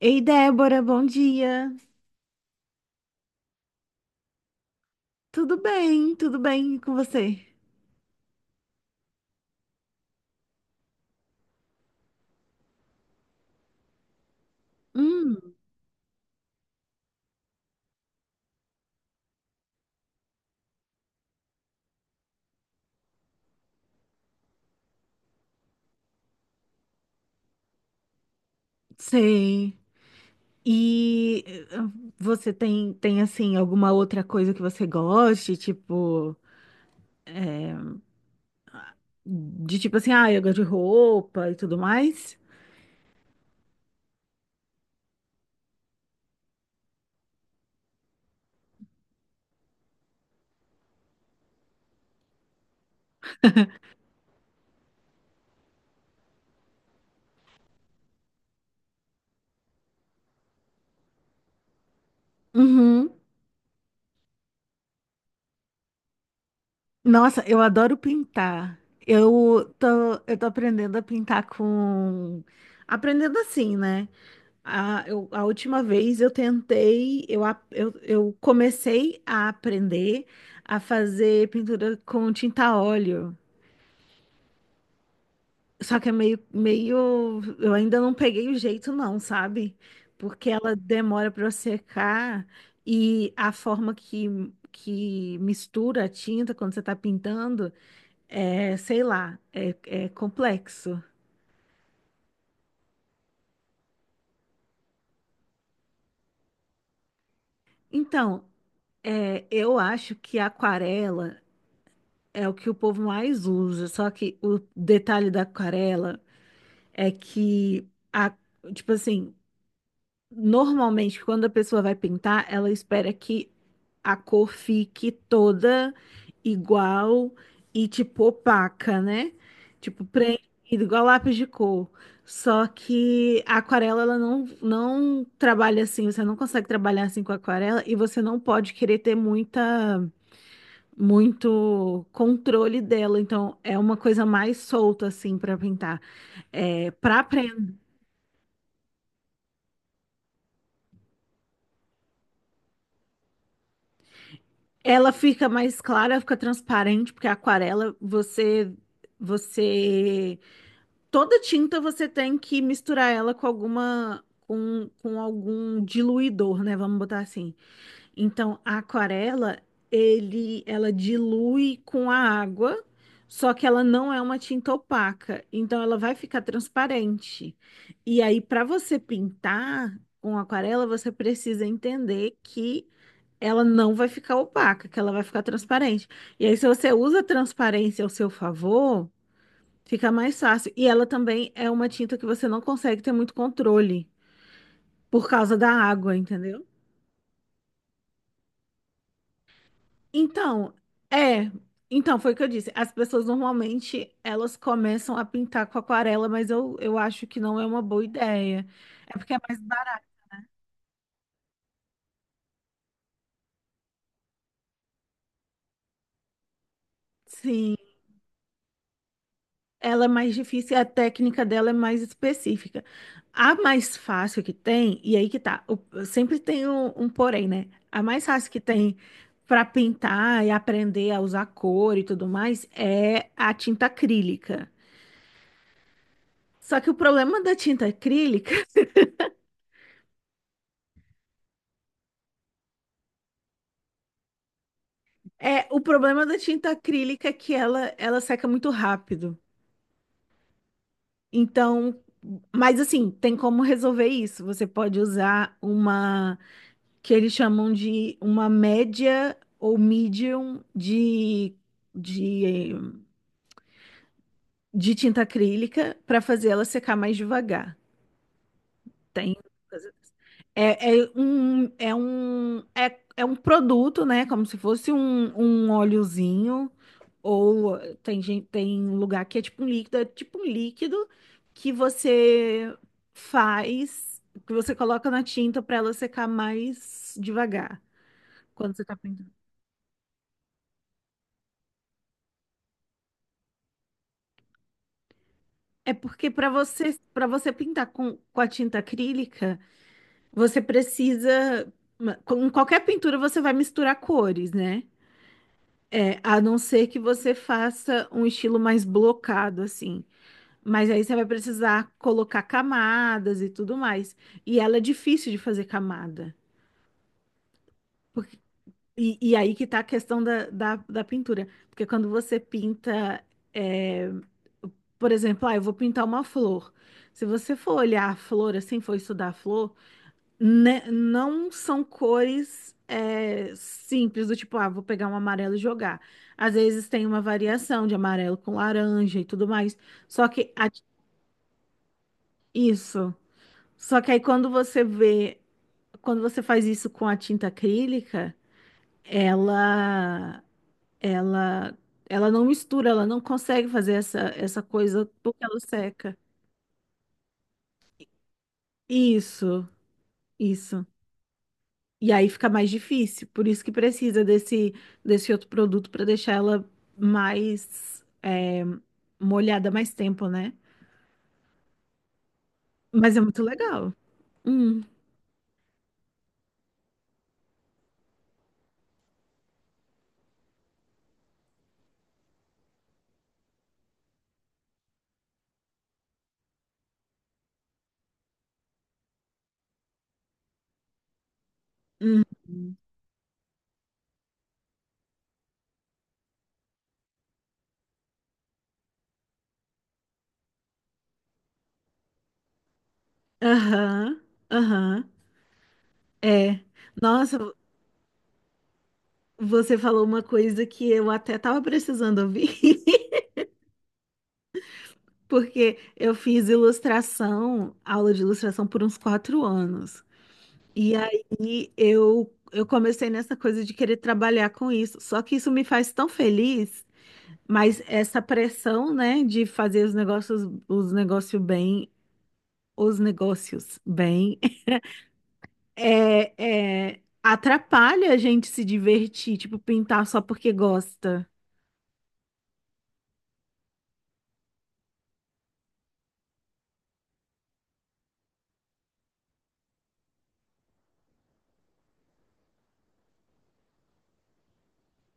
Ei, Débora, bom dia. Tudo bem e com você? Hum, sei. E você tem assim, alguma outra coisa que você goste, tipo, de tipo assim, ah, eu gosto de roupa e tudo mais? Uhum. Nossa, eu adoro pintar. Eu tô, eu tô aprendendo a pintar com... Aprendendo assim, né? A última vez eu tentei, eu comecei a aprender a fazer pintura com tinta a óleo. Só que é eu ainda não peguei o jeito não, sabe? Porque ela demora para secar e a forma que mistura a tinta quando você está pintando, sei lá, é complexo. Então, eu acho que a aquarela é o que o povo mais usa, só que o detalhe da aquarela é que tipo assim, normalmente quando a pessoa vai pintar, ela espera que a cor fique toda igual e tipo opaca, né? Tipo preenchida igual lápis de cor. Só que a aquarela ela não trabalha assim, você não consegue trabalhar assim com a aquarela e você não pode querer ter muita muito controle dela, então é uma coisa mais solta assim para pintar. É, ela fica mais clara, fica transparente, porque a aquarela você você toda tinta você tem que misturar ela com algum diluidor, né? Vamos botar assim. Então, a aquarela, ela dilui com a água, só que ela não é uma tinta opaca, então ela vai ficar transparente. E aí, para você pintar com aquarela, você precisa entender que ela não vai ficar opaca, que ela vai ficar transparente. E aí, se você usa a transparência ao seu favor, fica mais fácil. E ela também é uma tinta que você não consegue ter muito controle por causa da água, entendeu? Então, é. Então, foi o que eu disse. As pessoas normalmente elas começam a pintar com aquarela, mas eu acho que não é uma boa ideia. É porque é mais ba- Sim, ela é mais difícil e a técnica dela é mais específica. A mais fácil que tem, e aí que tá, sempre tem um porém, né? A mais fácil que tem para pintar e aprender a usar cor e tudo mais é a tinta acrílica. Só que o problema da tinta acrílica, o problema da tinta acrílica é que ela seca muito rápido. Então, mas assim, tem como resolver isso. Você pode usar uma que eles chamam de uma média ou medium de, de tinta acrílica para fazer ela secar mais devagar. Tem. É, é um produto, né? Como se fosse um óleozinho. Ou tem gente, tem lugar que é tipo um líquido, que você que você coloca na tinta para ela secar mais devagar quando você tá pintando. É porque para você pintar com a tinta acrílica, você precisa, com qualquer pintura você vai misturar cores, né? É, a não ser que você faça um estilo mais blocado, assim. Mas aí você vai precisar colocar camadas e tudo mais. E ela é difícil de fazer camada. Porque- e aí que tá a questão da pintura. Porque quando você pinta, é, por exemplo, ah, eu vou pintar uma flor. Se você for olhar a flor assim, for estudar a flor, né, não são cores, simples, do tipo, ah, vou pegar um amarelo e jogar. Às vezes tem uma variação de amarelo com laranja e tudo mais. Só que a- isso. Só que aí quando você faz isso com a tinta acrílica, ela, ela, ela não mistura, ela não consegue fazer essa coisa porque ela seca. Isso, isso. E aí fica mais difícil, por isso que precisa desse outro produto para deixar ela mais, molhada mais tempo, né? Mas é muito legal. Hum, hum. Aham, aham. É. Nossa, você falou uma coisa que eu até tava precisando ouvir, porque eu fiz ilustração, aula de ilustração por uns 4 anos. E aí eu comecei nessa coisa de querer trabalhar com isso. Só que isso me faz tão feliz. Mas essa pressão, né, de fazer os negócios bem, os negócios bem, atrapalha a gente se divertir, tipo, pintar só porque gosta.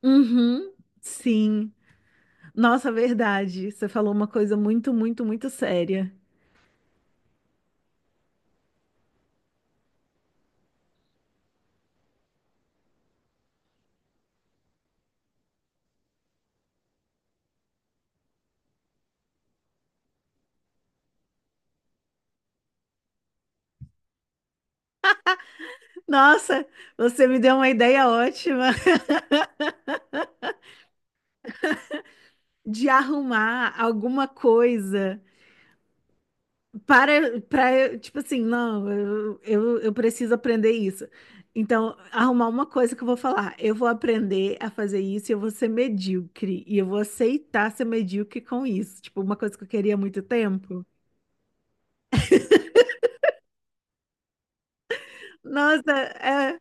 Uhum, sim. Nossa, verdade. Você falou uma coisa muito, muito, muito séria. Nossa, você me deu uma ideia ótima de arrumar alguma coisa, tipo assim, não, eu preciso aprender isso. Então, arrumar uma coisa que eu vou falar. Eu vou aprender a fazer isso e eu vou ser medíocre. E eu vou aceitar ser medíocre com isso. Tipo, uma coisa que eu queria há muito tempo. Nossa, é.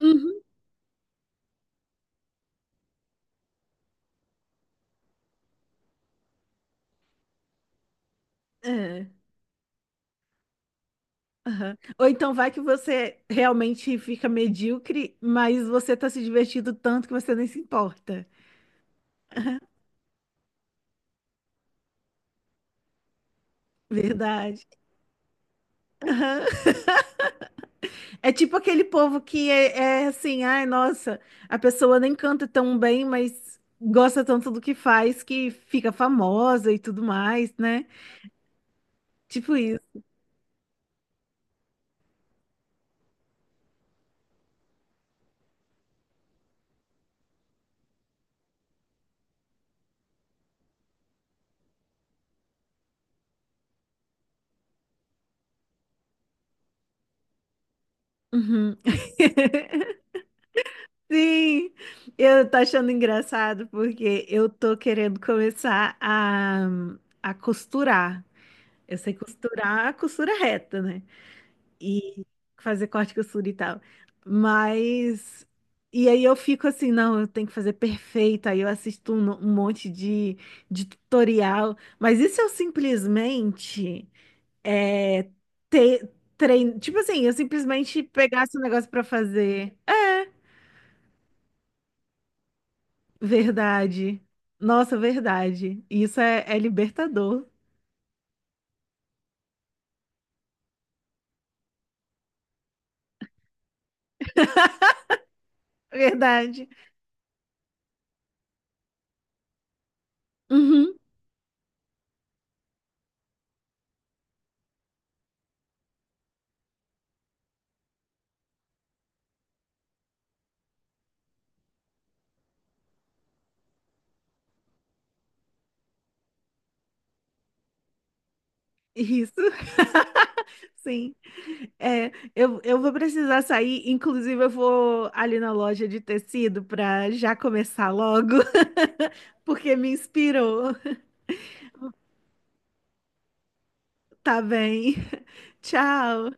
Uhum, é, aham. Ou então vai que você realmente fica medíocre, mas você tá se divertindo tanto que você nem se importa. Verdade. É tipo aquele povo que é assim, ai, nossa, a pessoa nem canta tão bem, mas gosta tanto do que faz que fica famosa e tudo mais, né? Tipo isso. Uhum. Sim, eu tô achando engraçado porque eu tô querendo começar a costurar. Eu sei costurar a costura reta, né? E fazer corte, costura e tal. Mas. E aí eu fico assim, não, eu tenho que fazer perfeito. Aí eu assisto um monte de tutorial. Mas isso se eu simplesmente é, ter, Tipo assim, eu simplesmente pegasse um negócio pra fazer. É, verdade. Nossa, verdade. Isso é libertador. Verdade. Uhum. Isso. Sim. É, eu vou precisar sair, inclusive eu vou ali na loja de tecido para já começar logo, porque me inspirou. Tá bem. Tchau.